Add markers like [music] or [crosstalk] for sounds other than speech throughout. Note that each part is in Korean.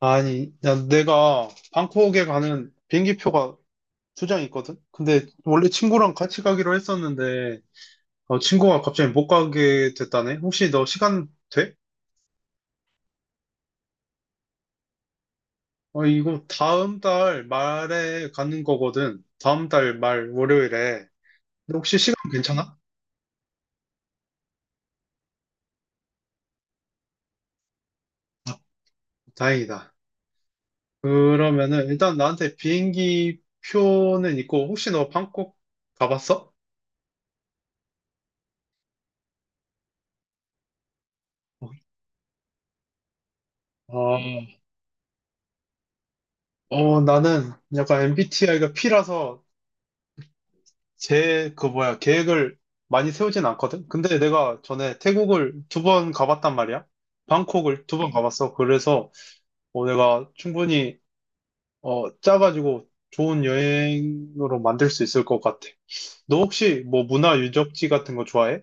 아니, 야, 내가 방콕에 가는 비행기표가 두 장 있거든? 근데 원래 친구랑 같이 가기로 했었는데, 친구가 갑자기 못 가게 됐다네? 혹시 너 시간 돼? 이거 다음 달 말에 가는 거거든. 다음 달 말 월요일에. 근데 혹시 시간 괜찮아? 아, 다행이다. 그러면은 일단 나한테 비행기 표는 있고, 혹시 너 방콕 가봤어? 어, 나는 약간 MBTI가 P라서 계획을 많이 세우진 않거든? 근데 내가 전에 태국을 두 번 가봤단 말이야. 방콕을 두 번 가봤어. 그래서 내가 충분히 짜가지고 좋은 여행으로 만들 수 있을 것 같아. 너 혹시 뭐 문화 유적지 같은 거 좋아해?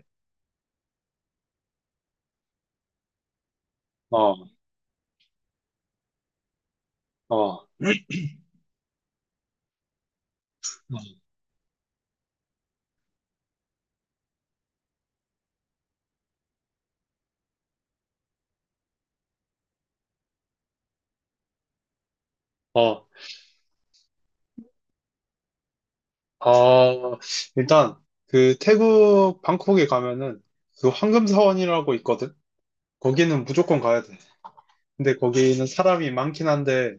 어, 어. [clears throat] 어, 아, 일단, 태국, 방콕에 가면은, 그 황금사원이라고 있거든? 거기는 무조건 가야 돼. 근데 거기는 사람이 많긴 한데,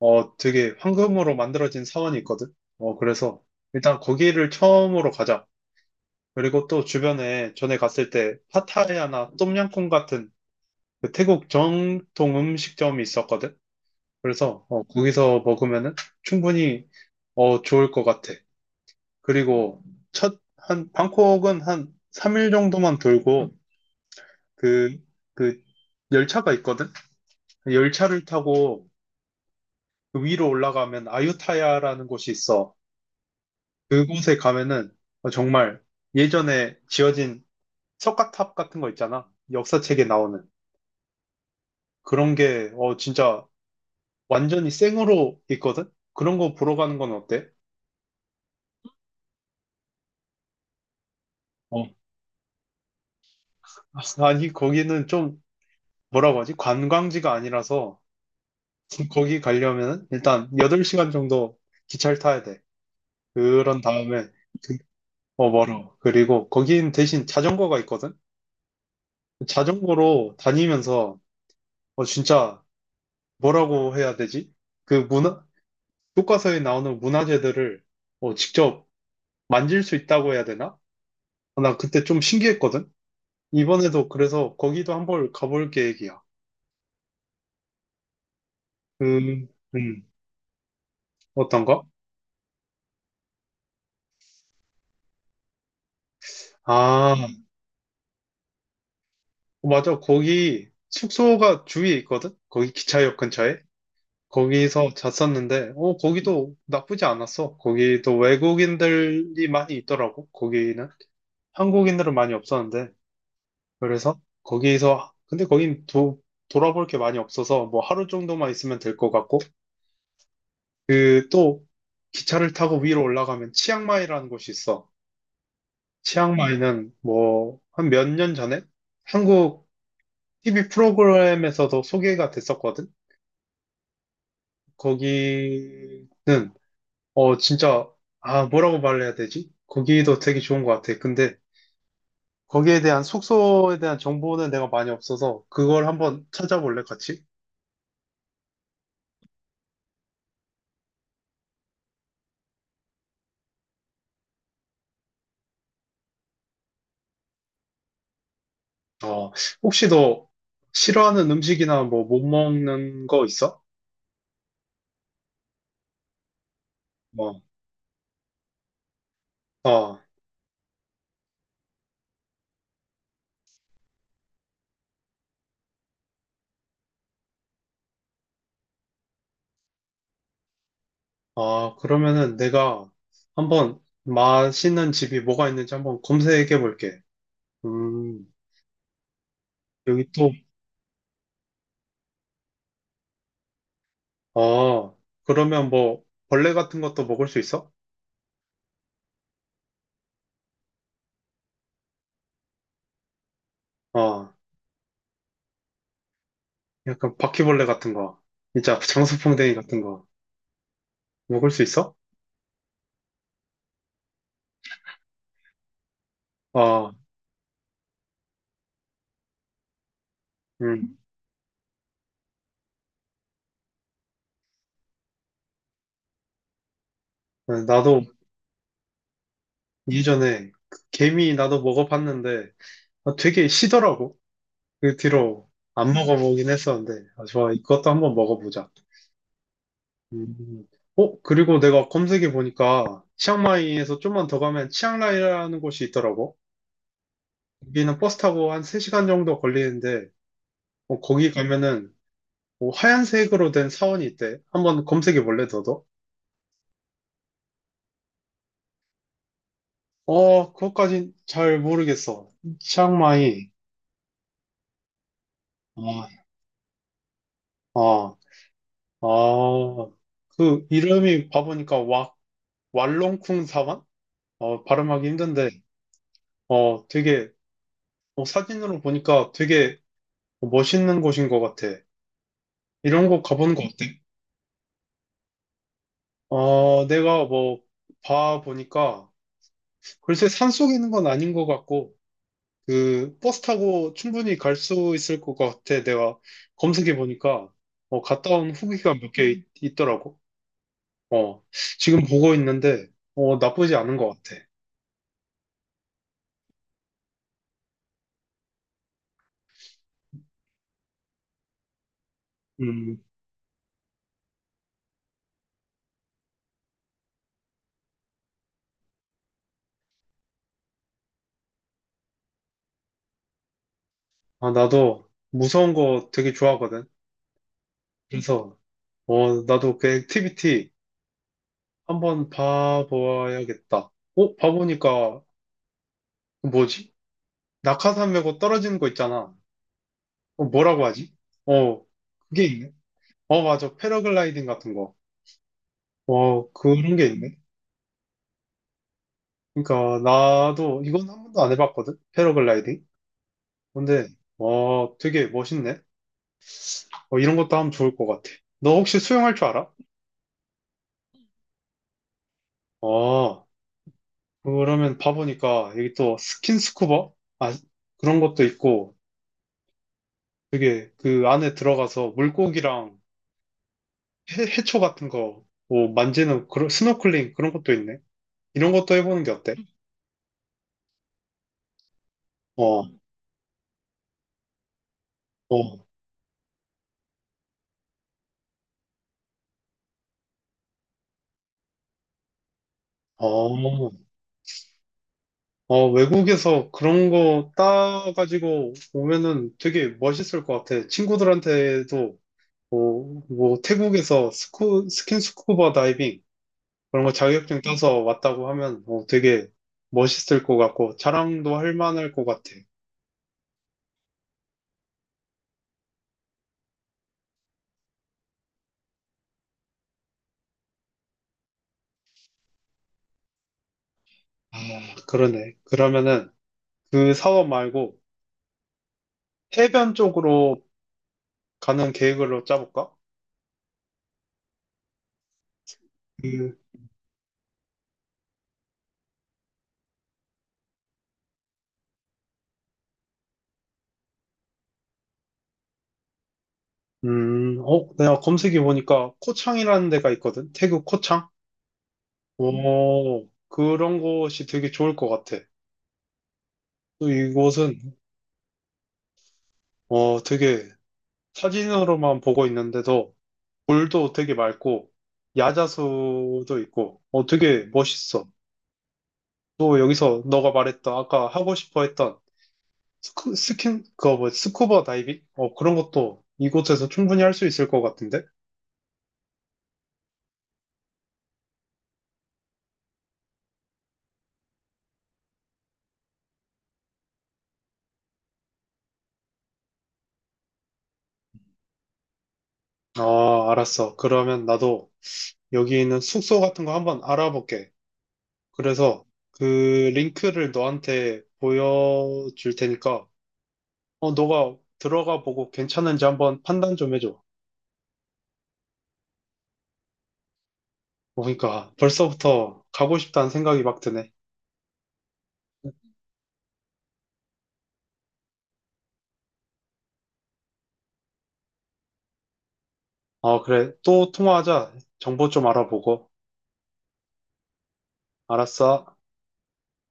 되게 황금으로 만들어진 사원이 있거든. 그래서 일단 거기를 처음으로 가자. 그리고 또 주변에 전에 갔을 때 파타야나 똠양꿍 같은 그 태국 정통 음식점이 있었거든. 그래서 거기서 먹으면은 충분히 좋을 것 같아. 그리고 방콕은 한 3일 정도만 돌고 그, 그 열차가 있거든. 열차를 타고 그 위로 올라가면 아유타야라는 곳이 있어. 그곳에 가면은 정말 예전에 지어진 석가탑 같은 거 있잖아. 역사책에 나오는 그런 게 진짜 완전히 생으로 있거든. 그런 거 보러 가는 건 어때? 어, [laughs] 아니 거기는 좀 뭐라고 하지? 관광지가 아니라서 [laughs] 거기 가려면 일단 8시간 정도 기차를 타야 돼. 그런 다음에 그- 어 멀어. 그리고 거긴 대신 자전거가 있거든. 자전거로 다니면서 어 진짜 뭐라고 해야 되지? 그 문화 교과서에 나오는 문화재들을 뭐 직접 만질 수 있다고 해야 되나? 나 그때 좀 신기했거든? 이번에도 그래서 거기도 한번 가볼 계획이야. 음, 음, 어떤가? 아, 맞아. 거기 숙소가 주위에 있거든? 거기 기차역 근처에? 거기서 잤었는데, 거기도 나쁘지 않았어. 거기도 외국인들이 많이 있더라고, 거기는. 한국인들은 많이 없었는데. 그래서 거기에서 근데 돌아볼 게 많이 없어서 뭐 하루 정도만 있으면 될 것 같고 그 또 기차를 타고 위로 올라가면 치앙마이라는 곳이 있어. 치앙마이는 뭐 한 몇 년 전에 한국 TV 프로그램에서도 소개가 됐었거든. 거기는 어 진짜 아 뭐라고 말해야 되지? 거기도 되게 좋은 것 같아. 근데 거기에 대한 숙소에 대한 정보는 내가 많이 없어서 그걸 한번 찾아볼래 같이? 어, 혹시 너 싫어하는 음식이나 뭐 못 먹는 거 있어? 뭐, 어, 아, 그러면은 내가 한번 맛있는 집이 뭐가 있는지 한번 검색해 볼게. 음, 여기 또, 어, 그러면 뭐 벌레 같은 것도 먹을 수 있어? 어, 약간 바퀴벌레 같은 거, 진짜 장수풍뎅이 같은 거 먹을 수 있어? 어, 음, 나도 이전에 그 개미 나도 먹어봤는데 아, 되게 시더라고. 그 뒤로 안 먹어보긴 했었는데, 아, 좋아, 이것도 한번 먹어보자. 음. 그리고 내가 검색해 보니까, 치앙마이에서 좀만 더 가면 치앙라이라는 곳이 있더라고. 여기는 버스 타고 한 3시간 정도 걸리는데, 거기 가면은, 뭐 하얀색으로 된 사원이 있대. 한번 검색해 볼래, 너도? 그것까진 잘 모르겠어. 치앙마이. 아, 아, 아. 그 이름이 봐보니까 왈롱쿵 사원? 발음하기 힘든데, 어, 되게, 사진으로 보니까 되게 멋있는 곳인 것 같아. 이런 곳 가보는 거 어때? 어, 내가 뭐, 봐 보니까, 글쎄 산속에 있는 건 아닌 것 같고, 버스 타고 충분히 갈 수 있을 것 같아. 내가 검색해 보니까, 갔다 온 후기가 몇 개 있더라고. 어, 지금 보고 있는데, 나쁘지 않은 것 같아. 음, 아, 나도 무서운 거 되게 좋아하거든. 그래서, 나도 그 액티비티, 한번 봐보아야겠다. 어? 봐보니까 뭐지? 낙하산 메고 떨어지는 거 있잖아. 어, 뭐라고 하지? 어, 그게 있네. 어, 맞아. 패러글라이딩 같은 거. 어, 그런 게 있네. 그러니까 나도 이건 한 번도 안 해봤거든. 패러글라이딩. 근데 어, 되게 멋있네. 이런 것도 하면 좋을 것 같아. 너 혹시 수영할 줄 알아? 어, 그러면 봐보니까 여기 또 스킨스쿠버? 아, 그런 것도 있고 되게 그 안에 들어가서 물고기랑 해초 같은 거, 뭐 만지는 그런 스노클링 그런 것도 있네. 이런 것도 해보는 게 어때? 어, 어, 어, 외국에서 그런 거 따가지고 오면은 되게 멋있을 것 같아. 친구들한테도 뭐 태국에서 스킨스쿠버 다이빙 그런 거 자격증 따서 왔다고 하면 되게 멋있을 것 같고 자랑도 할 만할 것 같아. 아, 그러네. 그러면은 그 사업 말고 해변 쪽으로 가는 계획으로 짜볼까? 음, 내가 검색해 보니까 코창이라는 데가 있거든. 태국 코창? 오, 그런 곳이 되게 좋을 것 같아. 또 이곳은, 되게 사진으로만 보고 있는데도 물도 되게 맑고, 야자수도 있고, 되게 멋있어. 또 여기서 너가 말했던, 아까 하고 싶어 했던 스쿠, 스킨, 그거 뭐, 스쿠버 다이빙? 그런 것도 이곳에서 충분히 할 수 있을 것 같은데? 아, 알았어. 그러면 나도 여기 있는 숙소 같은 거 한번 알아볼게. 그래서 그 링크를 너한테 보여줄 테니까, 너가 들어가 보고 괜찮은지 한번 판단 좀 해줘. 보니까 벌써부터 가고 싶다는 생각이 막 드네. 어, 그래. 또 통화하자. 정보 좀 알아보고. 알았어.